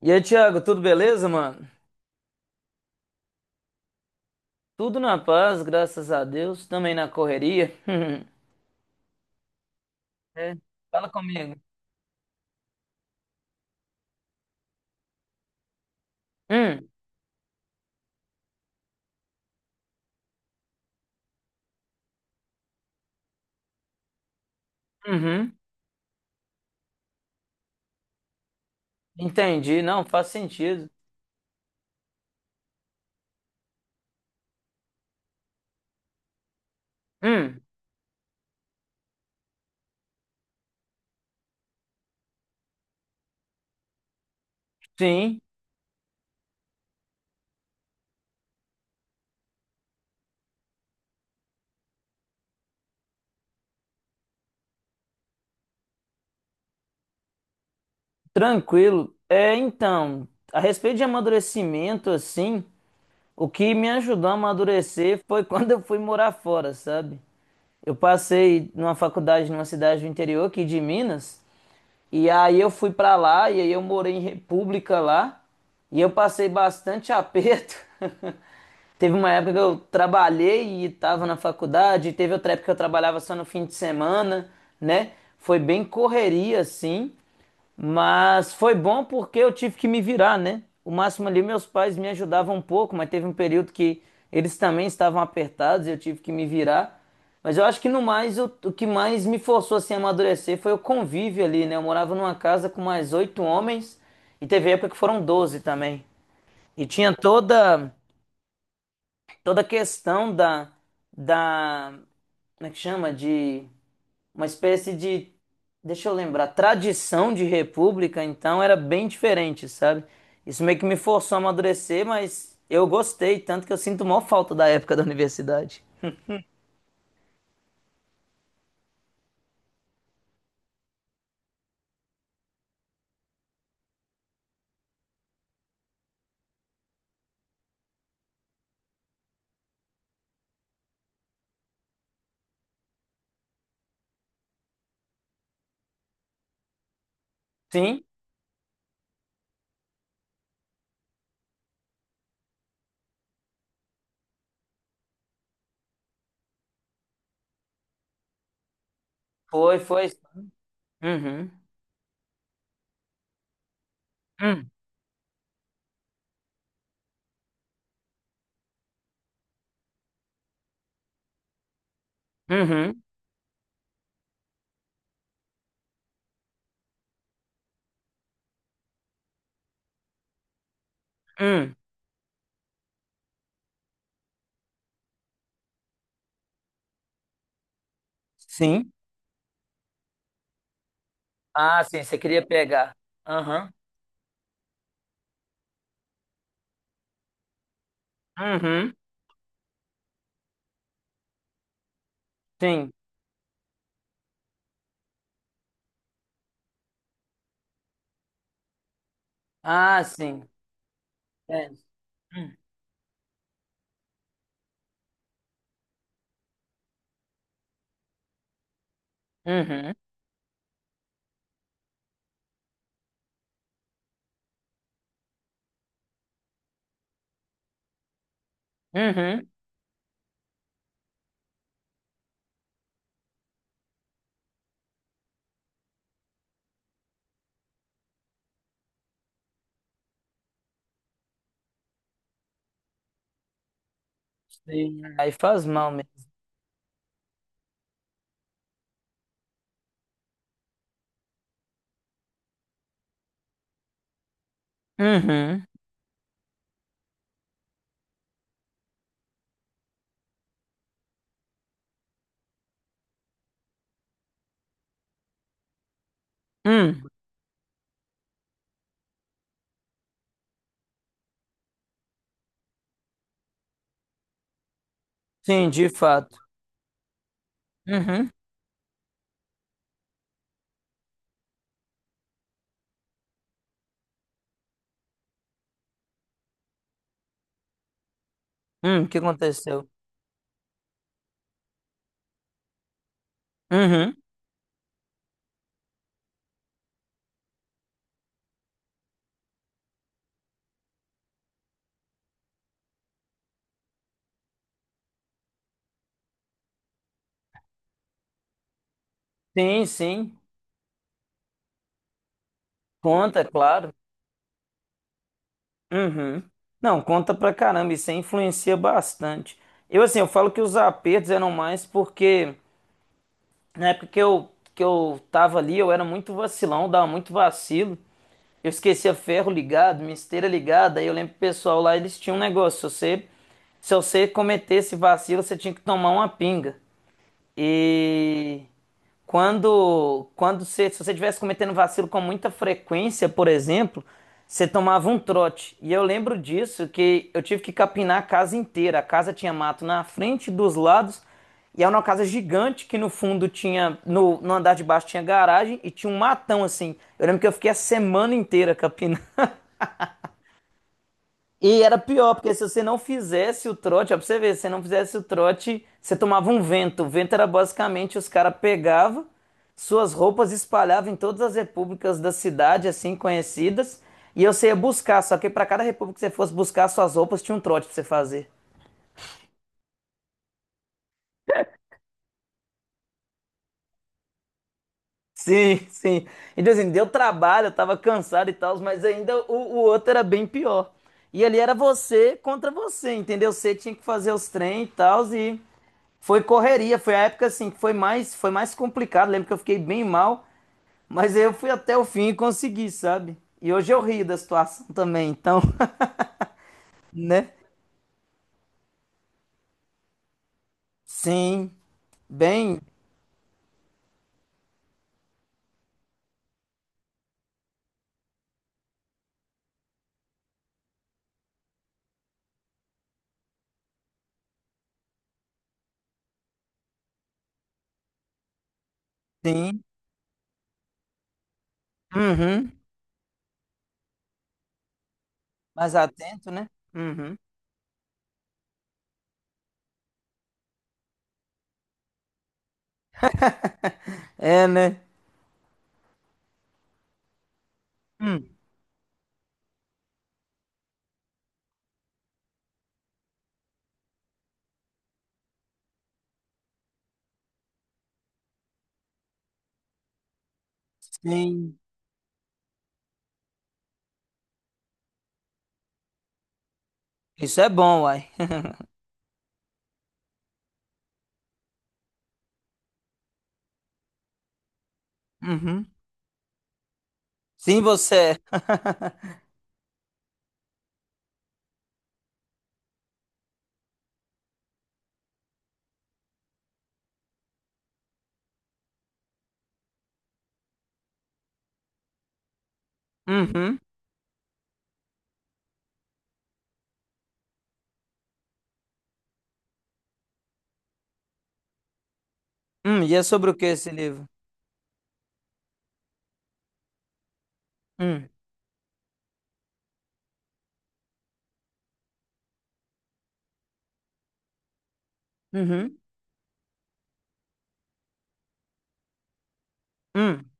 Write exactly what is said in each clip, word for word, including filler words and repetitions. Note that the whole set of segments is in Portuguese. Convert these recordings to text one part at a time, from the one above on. E aí, Thiago, tudo beleza, mano? Tudo na paz, graças a Deus, também na correria. É, fala comigo. Hum, uhum, entendi, não, faz sentido. Hum, sim, tranquilo. É, então, a respeito de amadurecimento, assim, o que me ajudou a amadurecer foi quando eu fui morar fora, sabe? Eu passei numa faculdade numa cidade do interior aqui de Minas. E aí eu fui pra lá e aí eu morei em República lá e eu passei bastante aperto. Teve uma época que eu trabalhei e estava na faculdade, teve outra época que eu trabalhava só no fim de semana, né? Foi bem correria assim. Mas foi bom porque eu tive que me virar, né? O máximo ali, meus pais me ajudavam um pouco, mas teve um período que eles também estavam apertados e eu tive que me virar. Mas eu acho que no mais, o, o que mais me forçou assim, a amadurecer foi o convívio ali, né? Eu morava numa casa com mais oito homens e teve época que foram doze também. E tinha toda, toda a questão da, da, como é que chama? De uma espécie de, deixa eu lembrar, tradição de república, então era bem diferente, sabe? Isso meio que me forçou a amadurecer, mas eu gostei, tanto que eu sinto maior falta da época da universidade. Sim, foi, foi. Uhum. Hum, uhum. Hum. Sim. Ah, sim, você queria pegar. Aham. Uhum. Sim. Ah, sim. É. Hum. Uhum. Uhum. Sim. Aí faz mal mesmo. Uhum. Hum. Sim, de fato. Uhum. Hum, o que aconteceu? Uhum. Sim, sim. Conta, é claro. Uhum. Não, conta pra caramba, isso aí influencia bastante. Eu, assim, eu falo que os apertos eram mais porque na época que eu, que eu tava ali, eu era muito vacilão, dava muito vacilo. Eu esquecia ferro ligado, minha esteira ligada. Aí eu lembro que o pessoal lá, eles tinham um negócio, se você, se você cometesse vacilo, você tinha que tomar uma pinga. E quando, quando você, se você estivesse cometendo vacilo com muita frequência, por exemplo, você tomava um trote. E eu lembro disso, que eu tive que capinar a casa inteira. A casa tinha mato na frente, dos lados, e era uma casa gigante que no fundo tinha, no, no andar de baixo tinha garagem e tinha um matão assim. Eu lembro que eu fiquei a semana inteira capinando. E era pior, porque se você não fizesse o trote, ó, pra você ver, se você não fizesse o trote, você tomava um vento. O vento era basicamente os caras pegavam suas roupas, espalhavam em todas as repúblicas da cidade, assim, conhecidas, e você ia buscar. Só que para cada república que você fosse buscar suas roupas, tinha um trote pra você fazer. Sim, sim. Então, assim, deu trabalho, eu tava cansado e tal, mas ainda o, o outro era bem pior. E ali era você contra você, entendeu? Você tinha que fazer os trem e tal, e. Foi correria, foi a época assim que foi mais, foi mais complicado. Lembro que eu fiquei bem mal, mas eu fui até o fim e consegui, sabe? E hoje eu rio da situação também, então, né? Sim, bem, sim. Uhum. Mais atento, né? Uhum. É, né? Hum. Sim. Isso é bom, uai. Uhum. Sim, você é. Uhum. Hum, e é sobre o que esse livro? Hum. Uhum. Hum.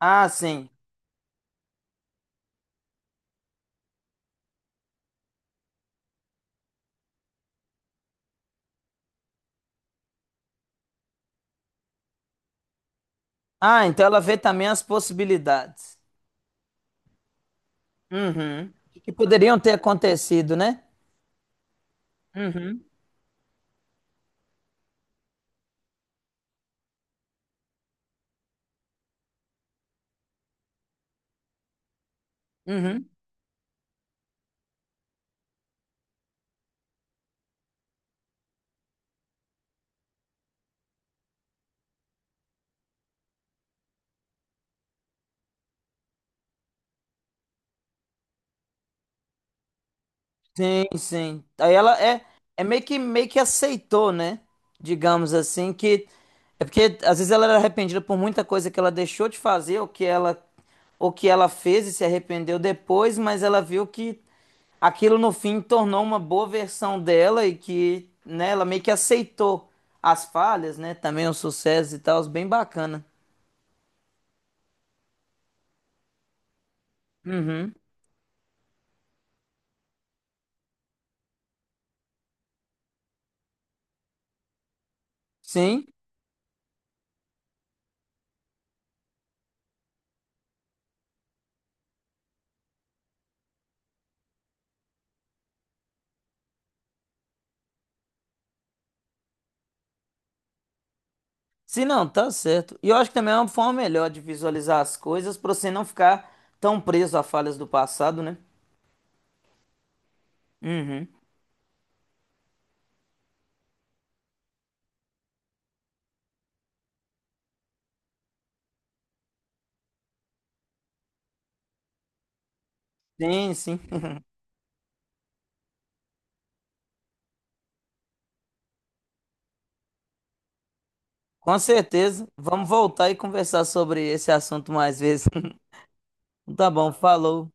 Ah, sim. Ah, então ela vê também as possibilidades. Uhum. Que poderiam ter acontecido, né? Uhum. Uhum. Sim, sim. Aí ela é, é meio que, meio que aceitou, né? Digamos assim, que. É porque às vezes ela era arrependida por muita coisa que ela deixou de fazer, ou que ela, ou que ela fez e se arrependeu depois, mas ela viu que aquilo no fim tornou uma boa versão dela e que, né, ela meio que aceitou as falhas, né? Também os sucessos e tal, bem bacana. Uhum. Sim. Se não, tá certo. E eu acho que também é uma forma melhor de visualizar as coisas pra você não ficar tão preso a falhas do passado, né? Uhum. Sim, sim. Com certeza. Vamos voltar e conversar sobre esse assunto mais vezes. Tá bom, falou.